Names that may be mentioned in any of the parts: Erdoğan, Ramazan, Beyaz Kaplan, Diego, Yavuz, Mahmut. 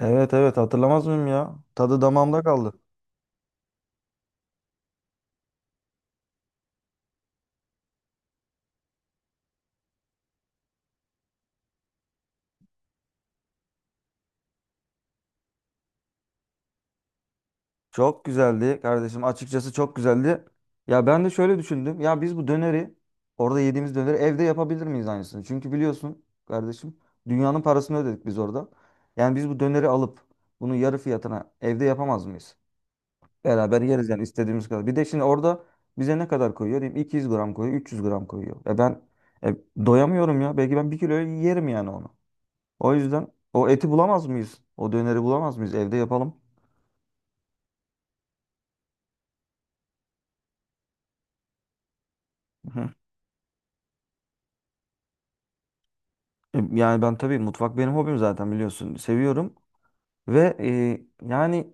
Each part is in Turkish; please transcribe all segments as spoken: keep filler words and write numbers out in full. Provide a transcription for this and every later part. Evet, evet, hatırlamaz mıyım ya? Tadı damağımda kaldı. Çok güzeldi kardeşim. Açıkçası çok güzeldi. Ya ben de şöyle düşündüm. Ya biz bu döneri orada yediğimiz döneri evde yapabilir miyiz aynısını? Çünkü biliyorsun kardeşim, dünyanın parasını ödedik biz orada. Yani biz bu döneri alıp bunu yarı fiyatına evde yapamaz mıyız? Beraber yeriz yani istediğimiz kadar. Bir de şimdi orada bize ne kadar koyuyor? Diyeyim iki yüz gram koyuyor, üç yüz gram koyuyor. E ben e, doyamıyorum ya. Belki ben bir kilo yerim yani onu. O yüzden o eti bulamaz mıyız? O döneri bulamaz mıyız? Evde yapalım. Hı. E, Yani ben tabii mutfak benim hobim zaten biliyorsun. Seviyorum ve e, yani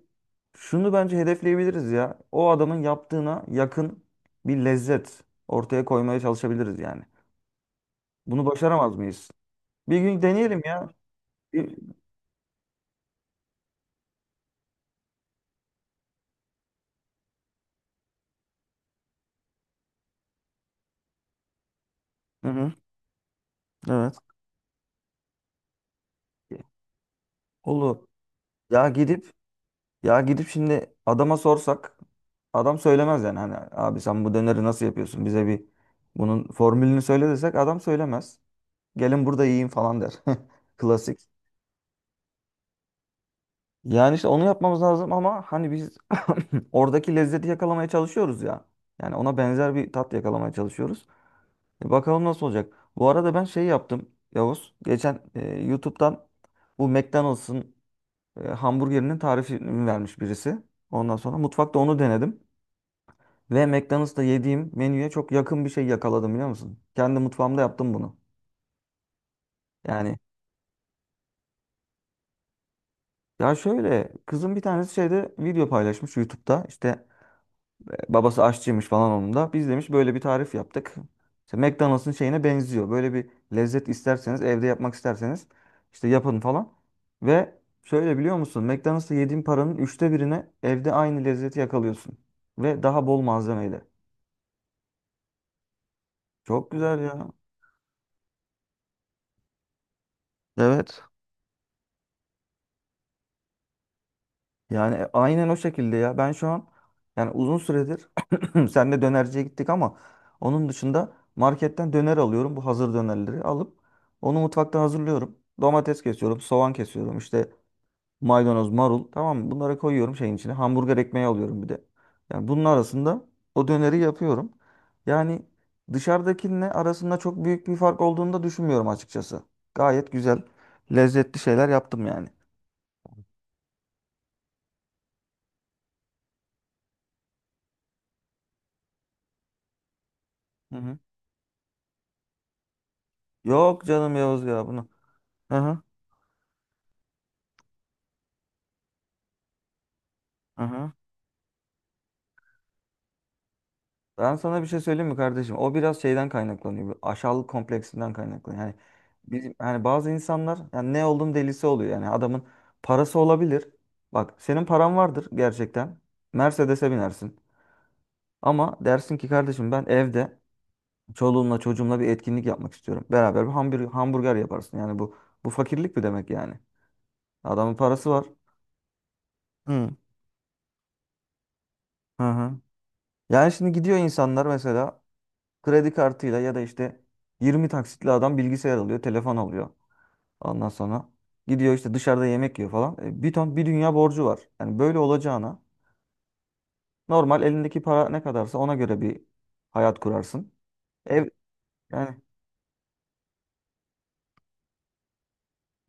şunu bence hedefleyebiliriz ya. O adamın yaptığına yakın bir lezzet ortaya koymaya çalışabiliriz yani. Bunu başaramaz mıyız? Bir gün deneyelim ya. Bir- Hı hı. Evet. Olur. Ya gidip Ya gidip şimdi adama sorsak adam söylemez yani. Hani abi sen bu döneri nasıl yapıyorsun? Bize bir bunun formülünü söyle desek adam söylemez. Gelin burada yiyin falan der. Klasik. Yani işte onu yapmamız lazım ama hani biz oradaki lezzeti yakalamaya çalışıyoruz ya. Yani ona benzer bir tat yakalamaya çalışıyoruz. E bakalım nasıl olacak. Bu arada ben şey yaptım Yavuz. Geçen e, YouTube'dan bu McDonald's'ın e, hamburgerinin tarifini vermiş birisi. Ondan sonra mutfakta onu denedim. Ve McDonald's'ta yediğim menüye çok yakın bir şey yakaladım, biliyor musun? Kendi mutfağımda yaptım bunu. Yani ya şöyle, kızım bir tanesi şeyde video paylaşmış YouTube'da. İşte e, babası aşçıymış falan onun da. Biz demiş böyle bir tarif yaptık. İşte McDonald's'ın şeyine benziyor. Böyle bir lezzet isterseniz, evde yapmak isterseniz işte yapın falan. Ve şöyle, biliyor musun? McDonald's'ta yediğin paranın üçte birine evde aynı lezzeti yakalıyorsun. Ve daha bol malzemeyle. Çok güzel ya. Evet. Yani e, aynen o şekilde ya. Ben şu an yani uzun süredir senle dönerciye gittik ama onun dışında marketten döner alıyorum. Bu hazır dönerleri alıp onu mutfakta hazırlıyorum. Domates kesiyorum, soğan kesiyorum, işte maydanoz, marul, tamam mı? Bunları koyuyorum şeyin içine. Hamburger ekmeği alıyorum bir de. Yani bunun arasında o döneri yapıyorum. Yani dışarıdakinle arasında çok büyük bir fark olduğunu da düşünmüyorum açıkçası. Gayet güzel, lezzetli şeyler yaptım yani. Hı hı. Yok canım Yavuz ya bunu. Aha, aha. Ben sana bir şey söyleyeyim mi kardeşim? O biraz şeyden kaynaklanıyor, bu aşağılık kompleksinden kaynaklanıyor. Yani bizim yani bazı insanlar yani ne oldum delisi oluyor. Yani adamın parası olabilir. Bak, senin paran vardır gerçekten. Mercedes'e binersin. Ama dersin ki kardeşim, ben evde çoluğumla çocuğumla bir etkinlik yapmak istiyorum. Beraber bir hamburger, hamburger yaparsın. Yani bu bu fakirlik mi demek yani? Adamın parası var. Hı. Hı hı. Yani şimdi gidiyor insanlar, mesela kredi kartıyla ya da işte yirmi taksitli adam bilgisayar alıyor, telefon alıyor. Ondan sonra gidiyor, işte dışarıda yemek yiyor falan. E, bir ton bir dünya borcu var. Yani böyle olacağına normal elindeki para ne kadarsa ona göre bir hayat kurarsın. Ev yani,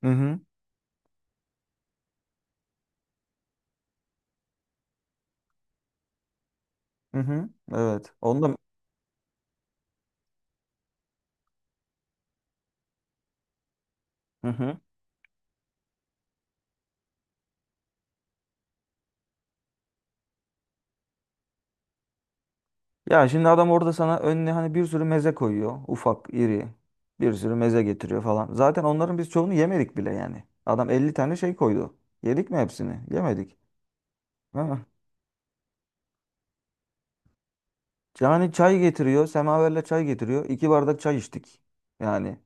hı hı, hı hı, evet. Onda hı hı. Ya şimdi adam orada sana önüne hani bir sürü meze koyuyor. Ufak, iri. Bir sürü meze getiriyor falan. Zaten onların biz çoğunu yemedik bile yani. Adam elli tane şey koydu. Yedik mi hepsini? Yemedik. Yani çay getiriyor. Semaverle çay getiriyor. İki bardak çay içtik. Yani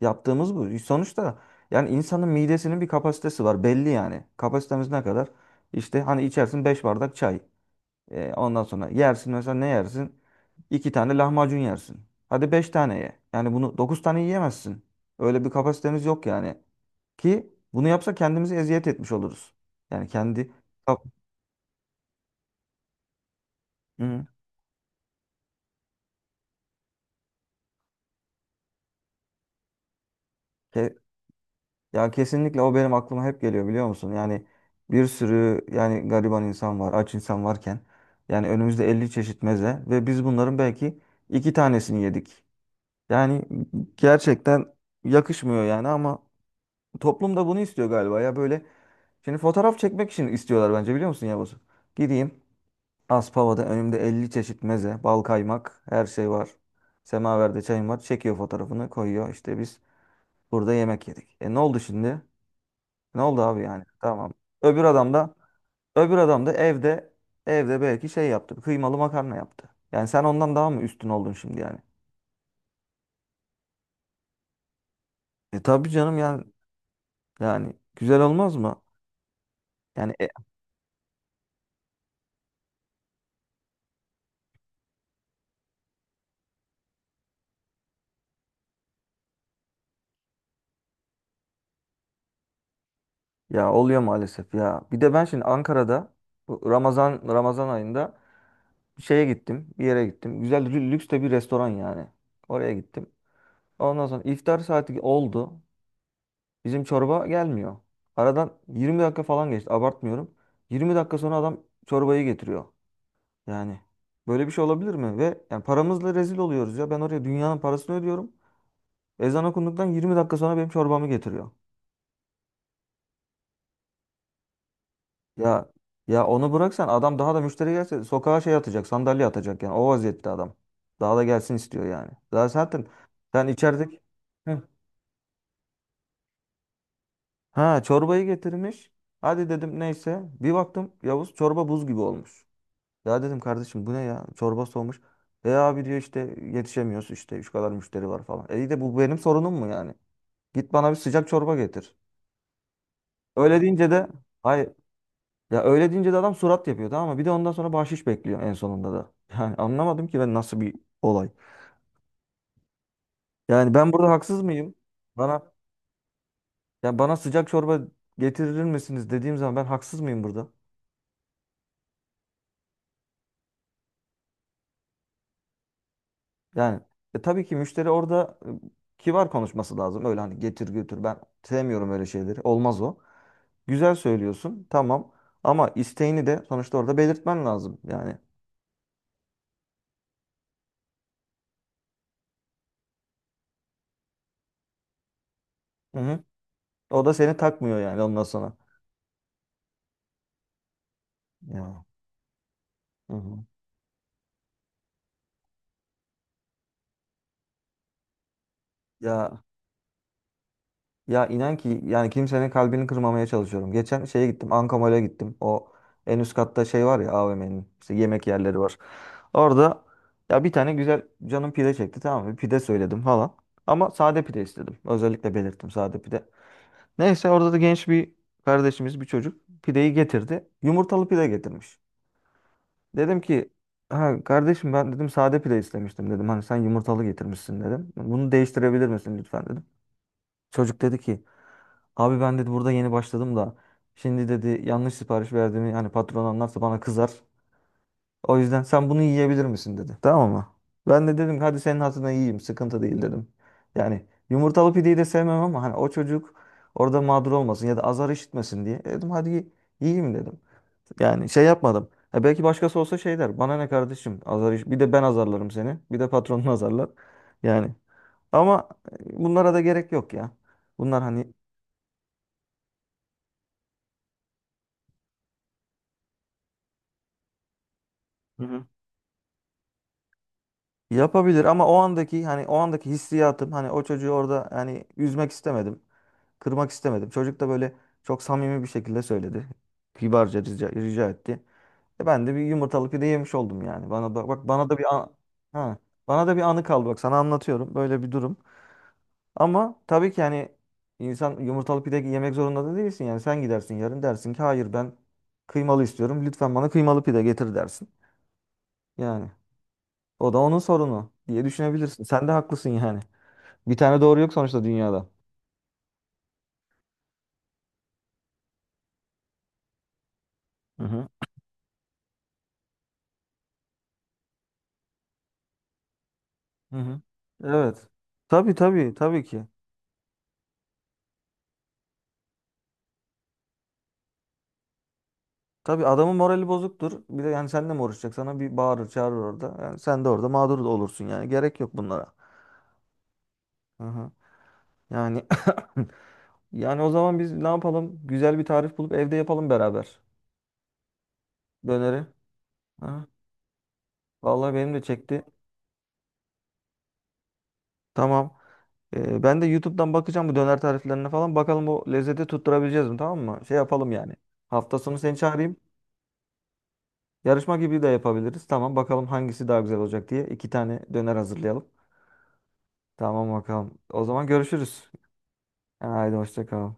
yaptığımız bu. Sonuçta yani insanın midesinin bir kapasitesi var. Belli yani. Kapasitemiz ne kadar? İşte hani içersin beş bardak çay. E, ondan sonra yersin, mesela ne yersin? İki tane lahmacun yersin. Hadi beş tane ye. Yani bunu dokuz tane yiyemezsin. Öyle bir kapasitemiz yok yani. Ki bunu yapsa kendimizi eziyet etmiş oluruz. Yani kendi... Hı. Ya kesinlikle, o benim aklıma hep geliyor, biliyor musun? Yani bir sürü yani gariban insan var, aç insan varken yani önümüzde elli çeşit meze ve biz bunların belki iki tanesini yedik. Yani gerçekten yakışmıyor yani, ama toplum da bunu istiyor galiba ya böyle. Şimdi fotoğraf çekmek için istiyorlar bence, biliyor musun Yavuz? Gideyim Aspava'da önümde elli çeşit meze, bal kaymak, her şey var. Semaverde çayım var. Çekiyor fotoğrafını koyuyor. İşte biz burada yemek yedik. E ne oldu şimdi? Ne oldu abi yani? Tamam. Öbür adam da Öbür adam da evde, evde belki şey yaptı. Kıymalı makarna yaptı. Yani sen ondan daha mı üstün oldun şimdi yani? E tabii canım yani yani güzel olmaz mı? Yani e, ya oluyor maalesef ya. Bir de ben şimdi Ankara'da bu Ramazan Ramazan ayında bir şeye gittim. Bir yere gittim. Güzel lü- lüks de bir restoran yani. Oraya gittim. Ondan sonra iftar saati oldu. Bizim çorba gelmiyor. Aradan yirmi dakika falan geçti. Abartmıyorum. yirmi dakika sonra adam çorbayı getiriyor. Yani böyle bir şey olabilir mi? Ve yani paramızla rezil oluyoruz ya. Ben oraya dünyanın parasını ödüyorum. Ezan okunduktan yirmi dakika sonra benim çorbamı getiriyor. Ya Ya onu bıraksan adam daha da müşteri gelse sokağa şey atacak, sandalye atacak yani. O vaziyette adam. Daha da gelsin istiyor yani. Daha zaten sen içerideki. Heh. Ha, çorbayı getirmiş. Hadi dedim, neyse. Bir baktım Yavuz, çorba buz gibi olmuş. Ya dedim kardeşim, bu ne ya? Çorba soğumuş. E abi diyor, işte yetişemiyoruz, işte şu kadar müşteri var falan. E iyi de, bu benim sorunum mu yani? Git bana bir sıcak çorba getir. Öyle deyince de hayır. Ya öyle deyince de adam surat yapıyor tamam mı? Bir de ondan sonra bahşiş bekliyor en sonunda da. Yani anlamadım ki ben, nasıl bir olay. Yani ben burada haksız mıyım? Bana ya Bana sıcak çorba getirir misiniz dediğim zaman ben haksız mıyım burada? Yani e, tabii ki müşteri orada e, kibar konuşması lazım. Öyle hani getir götür, ben sevmiyorum öyle şeyleri. Olmaz o. Güzel söylüyorsun tamam, ama isteğini de sonuçta orada belirtmen lazım yani. Hı hı. O da seni takmıyor yani ondan sonra. Ya. Hı hı. Ya Ya inan ki yani kimsenin kalbini kırmamaya çalışıyorum. Geçen şeye gittim. Ankamol'e gittim. O en üst katta şey var ya, A V M'nin işte yemek yerleri var. Orada ya bir tane güzel canım pide çekti tamam mı? Pide söyledim falan. Ama sade pide istedim. Özellikle belirttim, sade pide. Neyse orada da genç bir kardeşimiz, bir çocuk pideyi getirdi. Yumurtalı pide getirmiş. Dedim ki, ha kardeşim ben dedim sade pide istemiştim dedim. Hani sen yumurtalı getirmişsin dedim. Bunu değiştirebilir misin lütfen dedim. Çocuk dedi ki, abi ben dedi burada yeni başladım da, şimdi dedi yanlış sipariş verdiğimi hani patron anlarsa bana kızar. O yüzden sen bunu yiyebilir misin dedi. Tamam mı? Ben de dedim ki, hadi senin hatırına yiyeyim, sıkıntı değil dedim. Yani yumurtalı pideyi de sevmem ama hani o çocuk orada mağdur olmasın ya da azar işitmesin diye. E dedim hadi ye- yiyeyim dedim. Yani şey yapmadım. Ha, belki başkası olsa şey der. Bana ne kardeşim? Azar iş. Bir de ben azarlarım seni. Bir de patronun azarlar. Yani ama e, bunlara da gerek yok ya. Bunlar hani. Yapabilir ama o andaki hani o andaki hissiyatım, hani o çocuğu orada hani üzmek istemedim. Kırmak istemedim. Çocuk da böyle çok samimi bir şekilde söyledi. Kibarca rica, rica etti. E ben de bir yumurtalı pide yemiş oldum yani. Bana da bak, bana da bir an, ha, bana da bir anı kaldı, bak sana anlatıyorum böyle bir durum. Ama tabii ki hani insan yumurtalı pide yemek zorunda da değilsin, yani sen gidersin yarın dersin ki hayır, ben kıymalı istiyorum. Lütfen bana kıymalı pide getir dersin. Yani o da onun sorunu diye düşünebilirsin. Sen de haklısın yani. Bir tane doğru yok sonuçta dünyada. Hı hı. Hı hı. Evet. Tabii, tabii, tabii ki. Tabii adamın morali bozuktur. Bir de yani seninle mi uğraşacak? Sana bir bağırır çağırır orada. Yani sen de orada mağdur da olursun yani. Gerek yok bunlara. Hı hı. Yani yani o zaman biz ne yapalım? Güzel bir tarif bulup evde yapalım beraber. Döneri. Hı. Vallahi benim de çekti. Tamam. Ee, ben de YouTube'dan bakacağım bu döner tariflerine falan. Bakalım o lezzeti tutturabileceğiz mi? Tamam mı? Şey yapalım yani. Hafta sonu seni çağırayım. Yarışma gibi de yapabiliriz. Tamam bakalım hangisi daha güzel olacak diye iki tane döner hazırlayalım. Tamam bakalım. O zaman görüşürüz. Haydi hoşça kal.